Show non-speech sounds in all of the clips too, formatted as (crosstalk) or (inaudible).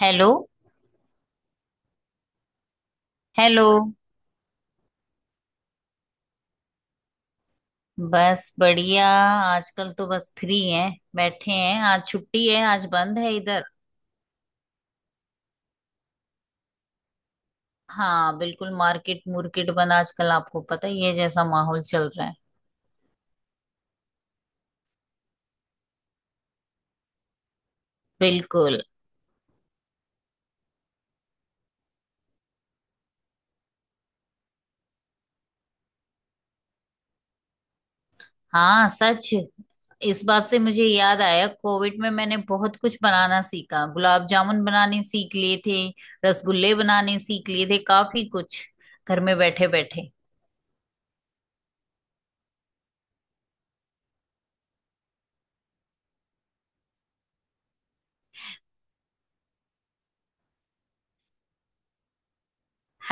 Hello. Hello. बस बढ़िया, आजकल तो बस फ्री हैं। बैठे हैं, आज छुट्टी है, आज बंद है इधर। हाँ बिल्कुल, मार्केट मुर्केट बंद आजकल, आपको पता ही है जैसा माहौल चल रहा है। बिल्कुल। हाँ सच, इस बात से मुझे याद आया, कोविड में मैंने बहुत कुछ बनाना सीखा, गुलाब जामुन बनाने सीख लिए थे, रसगुल्ले बनाने सीख लिए थे, काफी कुछ घर में बैठे बैठे।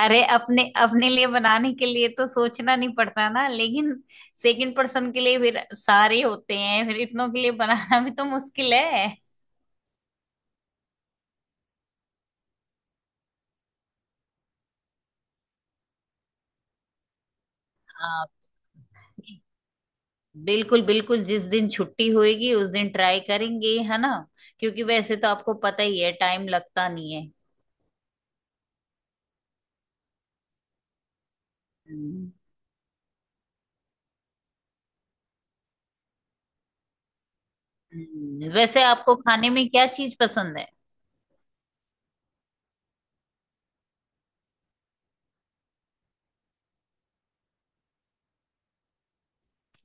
अरे अपने अपने लिए बनाने के लिए तो सोचना नहीं पड़ता ना, लेकिन सेकंड पर्सन के लिए फिर सारे होते हैं, फिर इतनों के लिए बनाना भी तो मुश्किल है। हाँ बिल्कुल बिल्कुल जिस दिन छुट्टी होएगी उस दिन ट्राई करेंगे, है ना। क्योंकि वैसे तो आपको पता ही है, टाइम लगता नहीं है। हम्म। वैसे आपको खाने में क्या चीज पसंद है?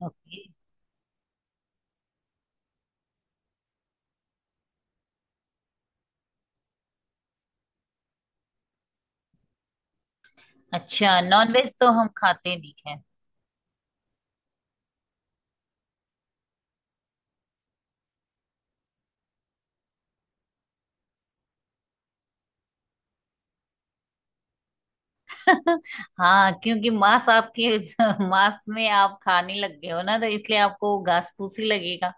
ओके। अच्छा नॉनवेज तो हम खाते नहीं। हाँ, क्योंकि मांस आपके (laughs) मांस में आप खाने लग गए हो ना, तो इसलिए आपको घास फूसी लगेगा।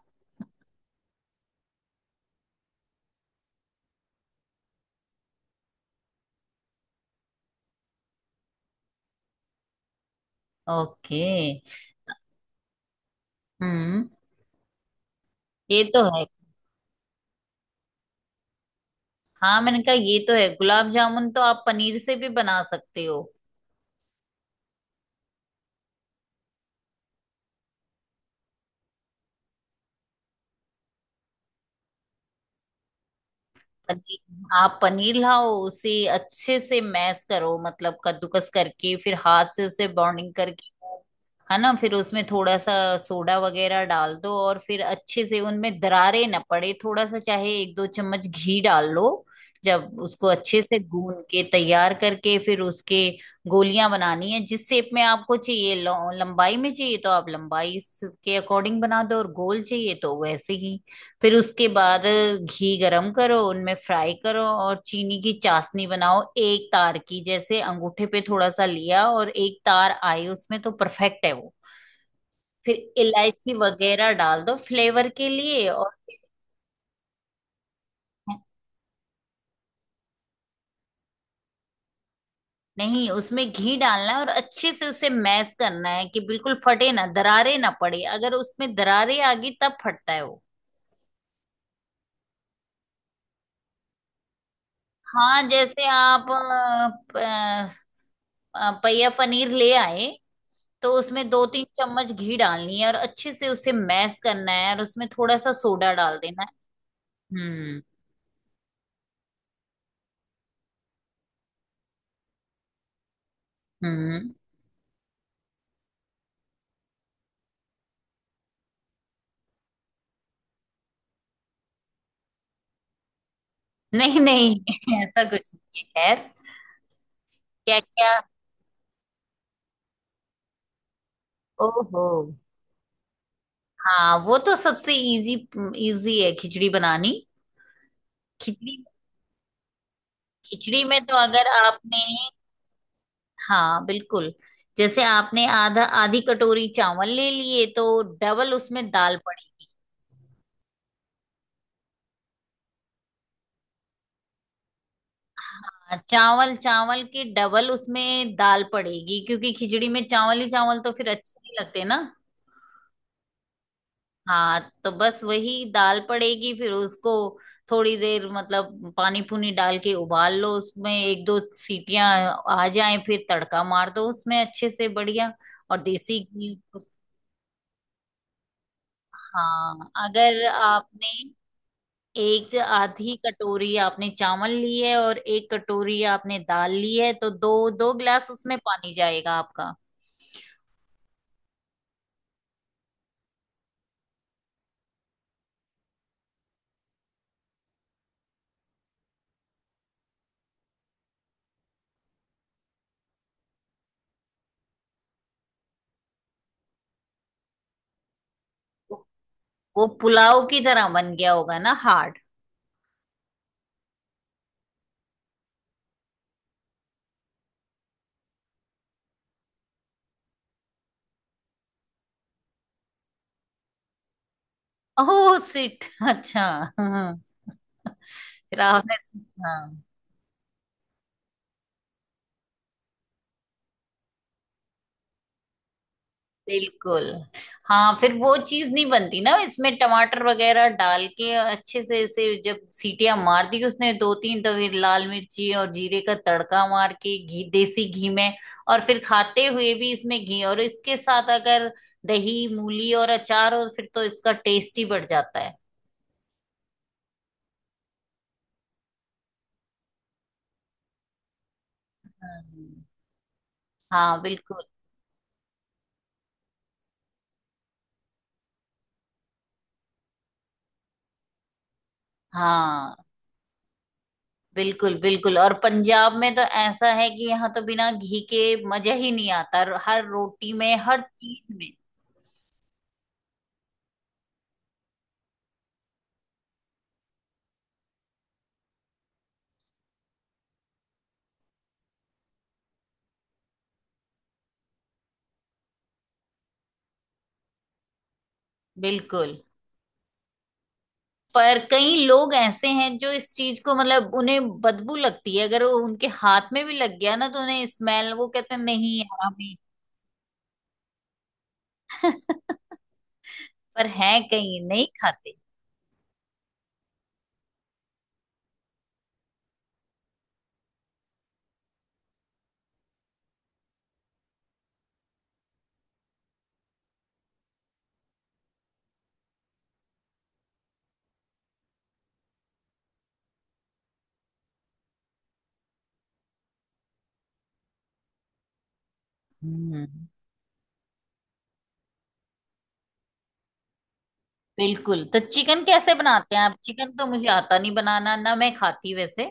ओके। हम्म। ये तो है। हाँ मैंने कहा ये तो है, गुलाब जामुन तो आप पनीर से भी बना सकते हो। पनीर, आप पनीर लाओ, उसे अच्छे से मैश करो, मतलब कद्दूकस करके, फिर हाथ से उसे बॉन्डिंग करके, वो, है ना, फिर उसमें थोड़ा सा सोडा वगैरह डाल दो, और फिर अच्छे से उनमें दरारे ना पड़े, थोड़ा सा चाहे एक दो चम्मच घी डाल लो। जब उसको अच्छे से गून के तैयार करके, फिर उसके गोलियां बनानी है, जिस शेप में आपको चाहिए, लंबाई में चाहिए तो आप लंबाई के अकॉर्डिंग बना दो, और गोल चाहिए तो वैसे ही। फिर उसके बाद घी गरम करो, उनमें फ्राई करो, और चीनी की चाशनी बनाओ एक तार की, जैसे अंगूठे पे थोड़ा सा लिया और एक तार आई उसमें तो परफेक्ट है वो। फिर इलायची वगैरह डाल दो फ्लेवर के लिए, और (laughs) फिर- नहीं, उसमें घी डालना है और अच्छे से उसे मैश करना है कि बिल्कुल फटे ना, दरारे ना पड़े, अगर उसमें दरारे आ गई तब फटता है वो। हाँ, जैसे आप पहिया पनीर ले आए तो उसमें दो तीन चम्मच घी डालनी है, और अच्छे से उसे मैश करना है, और उसमें थोड़ा सा सोडा डाल देना है। हम्म हम्म नहीं नहीं, (laughs) ऐसा कुछ नहीं है, खैर। क्या क्या। ओहो। हाँ, वो तो सबसे इजी, इजी है खिचड़ी बनानी। खिचड़ी, खिचड़ी में तो, अगर आपने, हाँ बिल्कुल, जैसे आपने आधा, आधी कटोरी चावल ले लिए तो डबल उसमें दाल। हाँ, चावल चावल की डबल उसमें दाल पड़ेगी, क्योंकि खिचड़ी में चावल ही चावल तो फिर अच्छे नहीं लगते ना। हाँ, तो बस वही दाल पड़ेगी, फिर उसको थोड़ी देर, मतलब पानी पूनी डाल के उबाल लो, उसमें एक दो सीटियां आ जाएं, फिर तड़का मार दो उसमें अच्छे से बढ़िया, और देसी घी। हाँ अगर आपने एक आधी कटोरी आपने चावल ली है और एक कटोरी आपने दाल ली है तो दो दो गिलास उसमें पानी जाएगा आपका। वो पुलाव की तरह बन गया होगा ना, हार्ड। ओह सिट। अच्छा। हाँ, फिर आपने, हाँ बिल्कुल। हाँ फिर वो चीज नहीं बनती ना, इसमें टमाटर वगैरह डाल के अच्छे से, इसे जब सीटियां मार दी उसने दो तीन, तो फिर लाल मिर्ची और जीरे का तड़का मार के घी, देसी घी में। और फिर खाते हुए भी इसमें घी, और इसके साथ अगर दही मूली और अचार हो, फिर तो इसका टेस्ट ही बढ़ जाता है। हम्म, हाँ बिल्कुल। हाँ बिल्कुल बिल्कुल और पंजाब में तो ऐसा है कि यहाँ तो बिना घी के मजा ही नहीं आता, हर रोटी में, हर चीज में। बिल्कुल। पर कई लोग ऐसे हैं जो इस चीज को, मतलब उन्हें बदबू लगती है, अगर वो उनके हाथ में भी लग गया ना तो उन्हें स्मेल, वो कहते हैं नहीं यार हमें। (laughs) पर है, कई नहीं खाते। हम्म। बिल्कुल, तो चिकन कैसे बनाते हैं आप? चिकन तो मुझे आता नहीं बनाना ना, मैं खाती वैसे।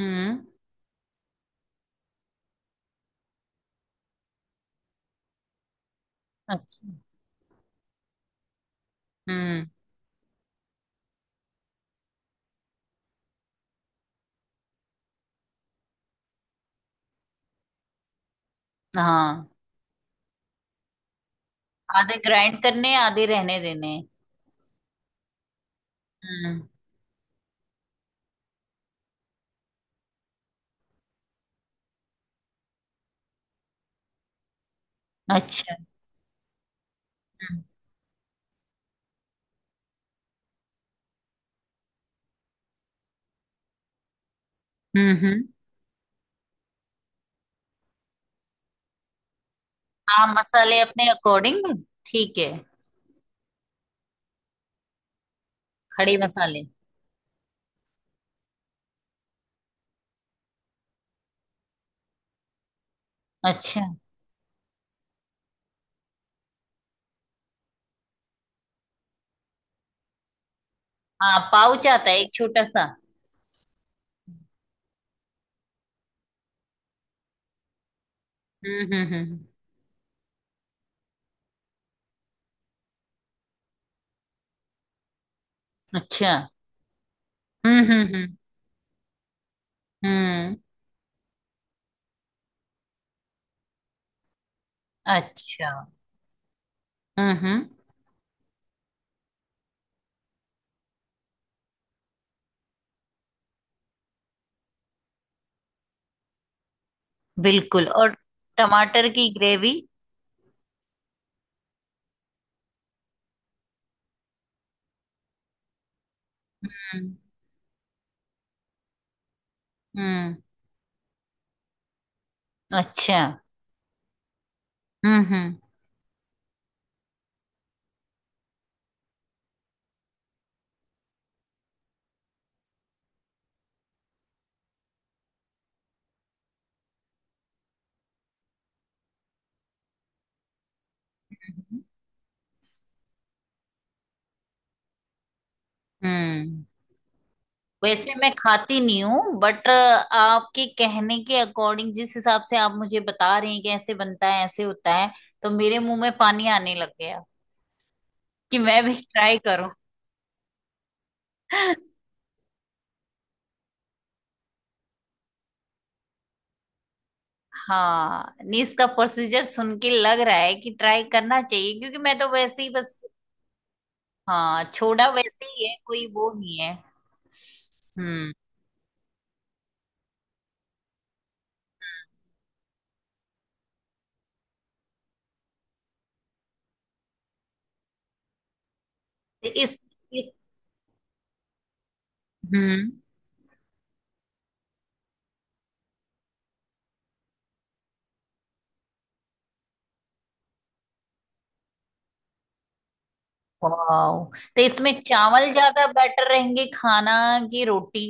हम्म। अच्छा। हम्म। हाँ, आधे ग्राइंड करने हैं, आधे रहने देने हैं। हम्म। अच्छा। हम्म हम्म हम्म। हाँ, मसाले अपने अकॉर्डिंग, ठीक है। खड़े मसाले। अच्छा। हाँ पाउच आता है एक छोटा सा। हम्म हम्म हम्म अच्छा। हम्म हम्म हम्म हम्म अच्छा। हम्म हम्म बिल्कुल और टमाटर की ग्रेवी। हम्म हम्म अच्छा। हम्म हम्म हम्म हम्म। वैसे मैं खाती नहीं हूँ, बट आपके कहने के अकॉर्डिंग, जिस हिसाब से आप मुझे बता रहे हैं कि ऐसे बनता है ऐसे होता है, तो मेरे मुंह में पानी आने लग गया कि मैं भी ट्राई करूं। (laughs) हाँ नहीं, इसका प्रोसीजर सुन के लग रहा है कि ट्राई करना चाहिए, क्योंकि मैं तो वैसे ही बस, हाँ छोड़ा वैसे ही है, कोई वो नहीं है। हम्म। तो इस हम्म। वाओ। तो इसमें चावल ज्यादा बेटर रहेंगे खाना की रोटी?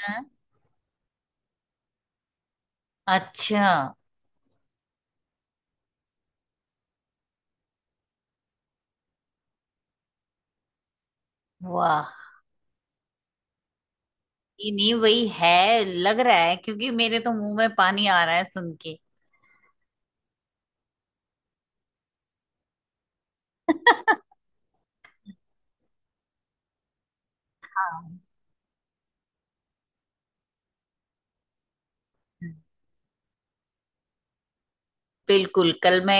हाँ। अच्छा। वाह। ये नहीं वही है लग रहा है, क्योंकि मेरे तो मुंह में पानी आ रहा है सुन के। हाँ बिल्कुल, कल मैं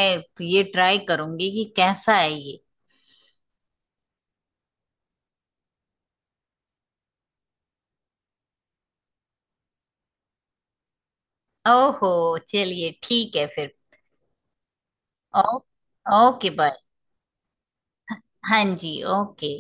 ये ट्राई करूंगी कि कैसा है ये। ओहो, चलिए ठीक है फिर। ओ, ओके बाय। हाँ जी, ओके।